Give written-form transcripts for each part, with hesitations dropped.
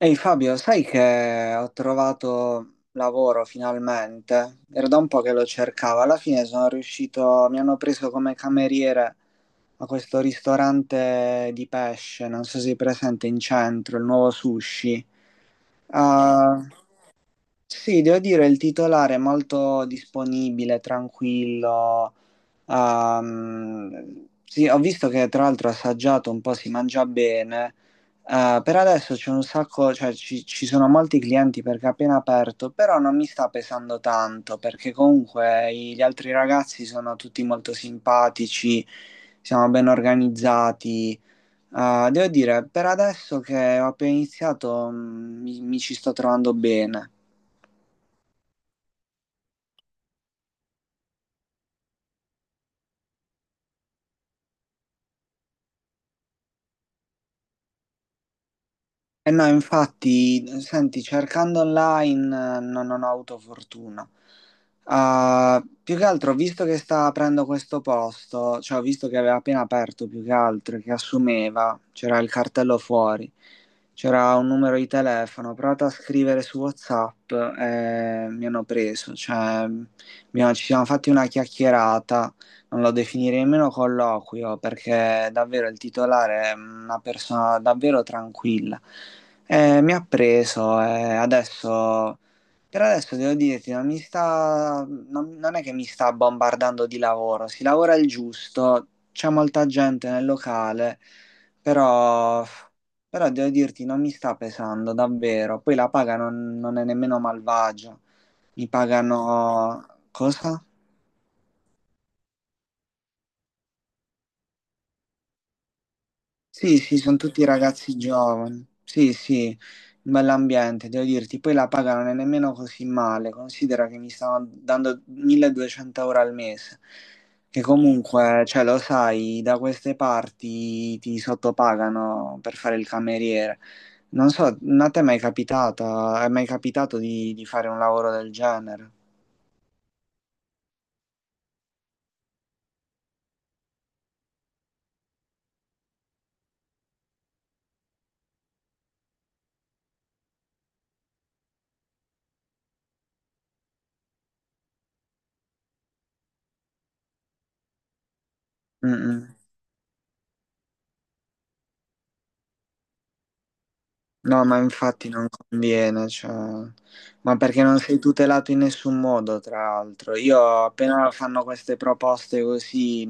Ehi Fabio, sai che ho trovato lavoro finalmente? Era da un po' che lo cercavo. Alla fine sono riuscito, mi hanno preso come cameriere a questo ristorante di pesce, non so se è presente in centro, il nuovo sushi. Ah, sì, devo dire, il titolare è molto disponibile, tranquillo. Ah, sì, ho visto che tra l'altro assaggiato un po' si mangia bene. Per adesso c'è un sacco, cioè ci sono molti clienti perché è appena aperto, però non mi sta pesando tanto perché comunque gli altri ragazzi sono tutti molto simpatici, siamo ben organizzati. Devo dire, per adesso che ho appena iniziato, mi ci sto trovando bene. Eh no, infatti, senti, cercando online non ho avuto fortuna. Ah, più che altro, visto che sta aprendo questo posto, cioè ho visto che aveva appena aperto più che altro, e che assumeva, c'era il cartello fuori, c'era un numero di telefono, ho provato a scrivere su WhatsApp e mi hanno preso, cioè ci siamo fatti una chiacchierata, lo definirei meno colloquio perché davvero il titolare è una persona davvero tranquilla. Mi ha preso e adesso devo dirti, non è che mi sta bombardando di lavoro, si lavora il giusto, c'è molta gente nel locale, però, però devo dirti, non mi sta pesando davvero. Poi la paga non è nemmeno malvagia, mi pagano cosa? Sì, sì, sono tutti ragazzi giovani. Sì, sì, un bell'ambiente, devo dirti. Poi la paga non è nemmeno così male. Considera che mi stanno dando 1200 euro al mese. Che comunque, cioè, lo sai, da queste parti ti sottopagano per fare il cameriere. Non so, a te è mai capitata, è mai capitato di fare un lavoro del genere? Mm, mm. No, ma infatti non conviene, cioè, ma perché non sei tutelato in nessun modo, tra l'altro. Io appena fanno queste proposte così,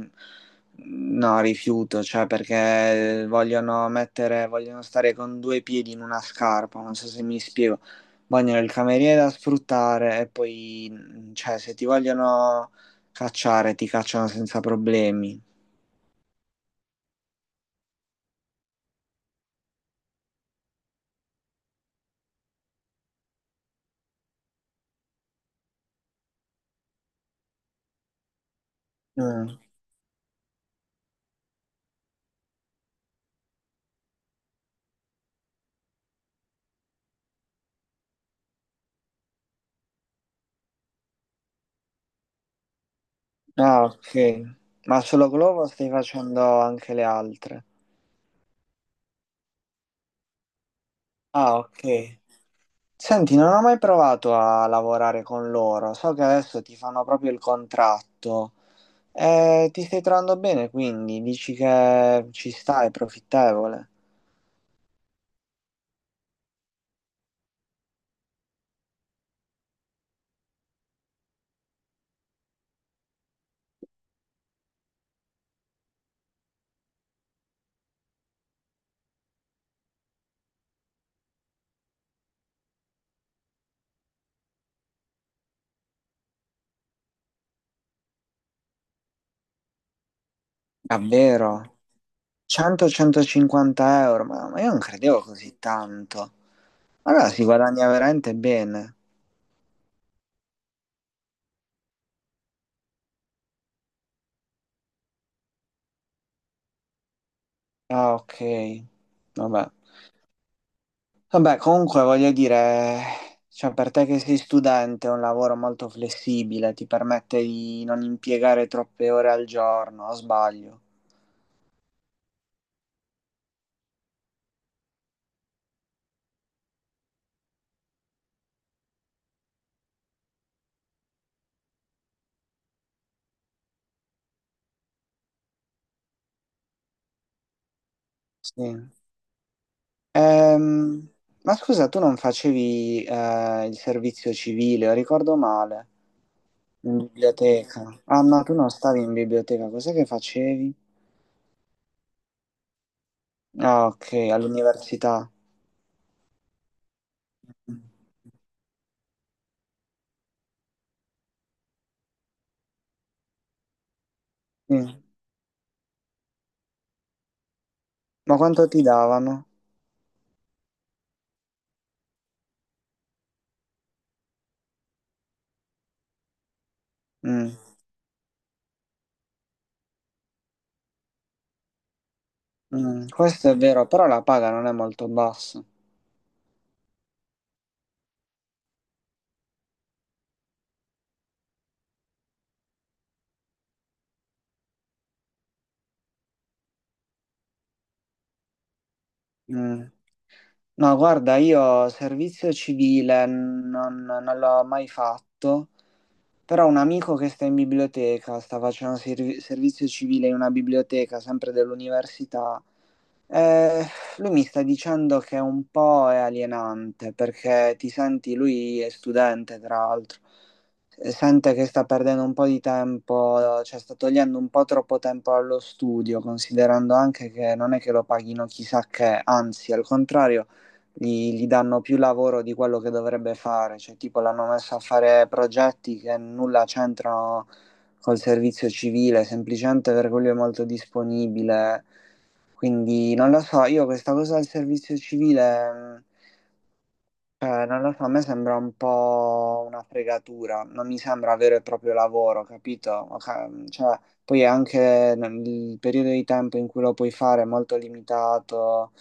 no, rifiuto, cioè, perché vogliono mettere, vogliono stare con due piedi in una scarpa, non so se mi spiego. Vogliono il cameriere da sfruttare e poi, cioè, se ti vogliono cacciare, ti cacciano senza problemi. Mm. Ah, ok. Ma solo Glovo stai facendo anche le altre? Ah, ok. Senti, non ho mai provato a lavorare con loro. So che adesso ti fanno proprio il contratto. Ti stai trovando bene, quindi dici che ci sta, è profittevole. Davvero? 100-150 euro, ma io non credevo così tanto. Allora si guadagna veramente bene. Ah, ok. Vabbè. Vabbè, comunque voglio dire, cioè per te che sei studente è un lavoro molto flessibile, ti permette di non impiegare troppe ore al giorno, o sbaglio? Sì. Ehm, ma scusa, tu non facevi il servizio civile, o ricordo male, in biblioteca. Ah no, tu non stavi in biblioteca, cos'è che facevi? Ah, ok, all'università. Sì. Ma quanto ti davano? Mm, mm. Questo è vero, però la paga non è molto bassa. Mm. No, guarda, io servizio civile non l'ho mai fatto, però un amico che sta in biblioteca, sta facendo servizio civile in una biblioteca, sempre dell'università, eh, lui mi sta dicendo che un po' è alienante, perché ti senti, lui è studente, tra l'altro, sente che sta perdendo un po' di tempo, cioè sta togliendo un po' troppo tempo allo studio, considerando anche che non è che lo paghino chissà che, anzi, al contrario gli danno più lavoro di quello che dovrebbe fare, cioè tipo l'hanno messo a fare progetti che nulla c'entrano col servizio civile, semplicemente perché lui è molto disponibile. Quindi non lo so, io questa cosa del servizio civile non lo so, a me sembra un po' una fregatura, non mi sembra vero e proprio lavoro, capito? Ok. Cioè, poi è anche il periodo di tempo in cui lo puoi fare è molto limitato.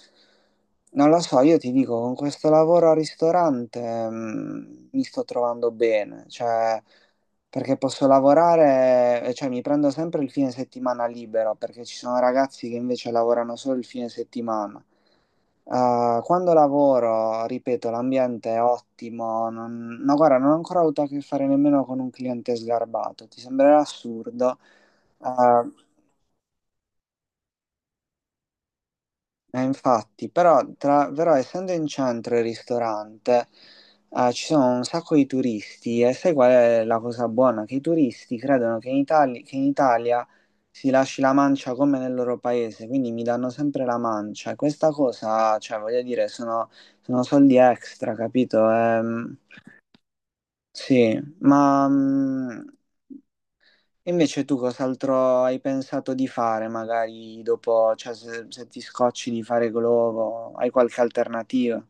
Non lo so, io ti dico, con questo lavoro al ristorante, mi sto trovando bene, cioè, perché posso lavorare, cioè mi prendo sempre il fine settimana libero, perché ci sono ragazzi che invece lavorano solo il fine settimana. Quando lavoro, ripeto, l'ambiente è ottimo. No, guarda, non ho ancora avuto a che fare nemmeno con un cliente sgarbato. Ti sembrerà assurdo. Uh, Infatti, però, però essendo in centro il ristorante, ci sono un sacco di turisti e sai qual è la cosa buona? Che i turisti credono che che in Italia si lasci la mancia come nel loro paese, quindi mi danno sempre la mancia. E questa cosa, cioè, voglio dire, sono soldi extra, capito? Sì. E invece tu cos'altro hai pensato di fare, magari dopo, cioè se ti scocci di fare globo, hai qualche alternativa?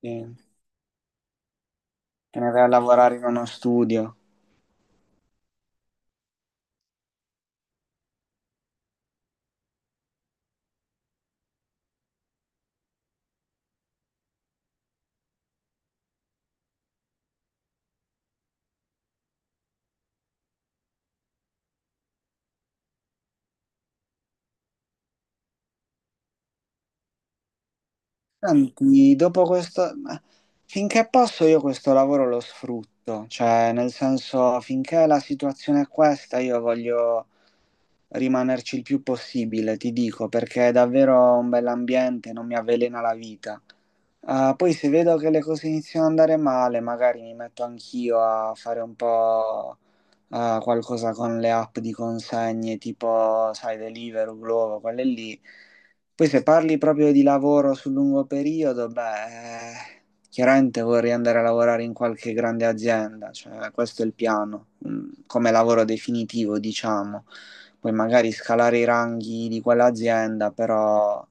Sì. Te ne vai a lavorare in uno studio. Senti, dopo questo, ma finché posso io questo lavoro lo sfrutto, cioè nel senso finché la situazione è questa io voglio rimanerci il più possibile, ti dico, perché è davvero un bell'ambiente, non mi avvelena la vita. Ah, poi se vedo che le cose iniziano ad andare male, magari mi metto anch'io a fare un po' a qualcosa con le app di consegne tipo, sai, Deliveroo, Glovo, quelle lì. Poi se parli proprio di lavoro sul lungo periodo, beh, chiaramente vorrei andare a lavorare in qualche grande azienda, cioè questo è il piano, come lavoro definitivo, diciamo. Poi magari scalare i ranghi di quell'azienda, però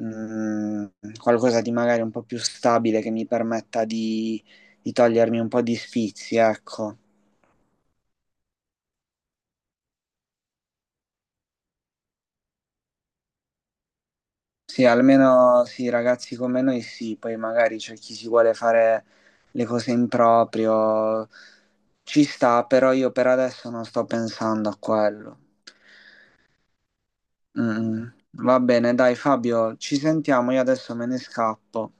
mm, qualcosa di magari un po' più stabile che mi permetta di togliermi un po' di sfizi, ecco. Sì, almeno sì, ragazzi come noi sì, poi magari c'è chi si vuole fare le cose in proprio, ci sta, però io per adesso non sto pensando a quello. Mm, mm. Va bene, dai Fabio, ci sentiamo, io adesso me ne scappo.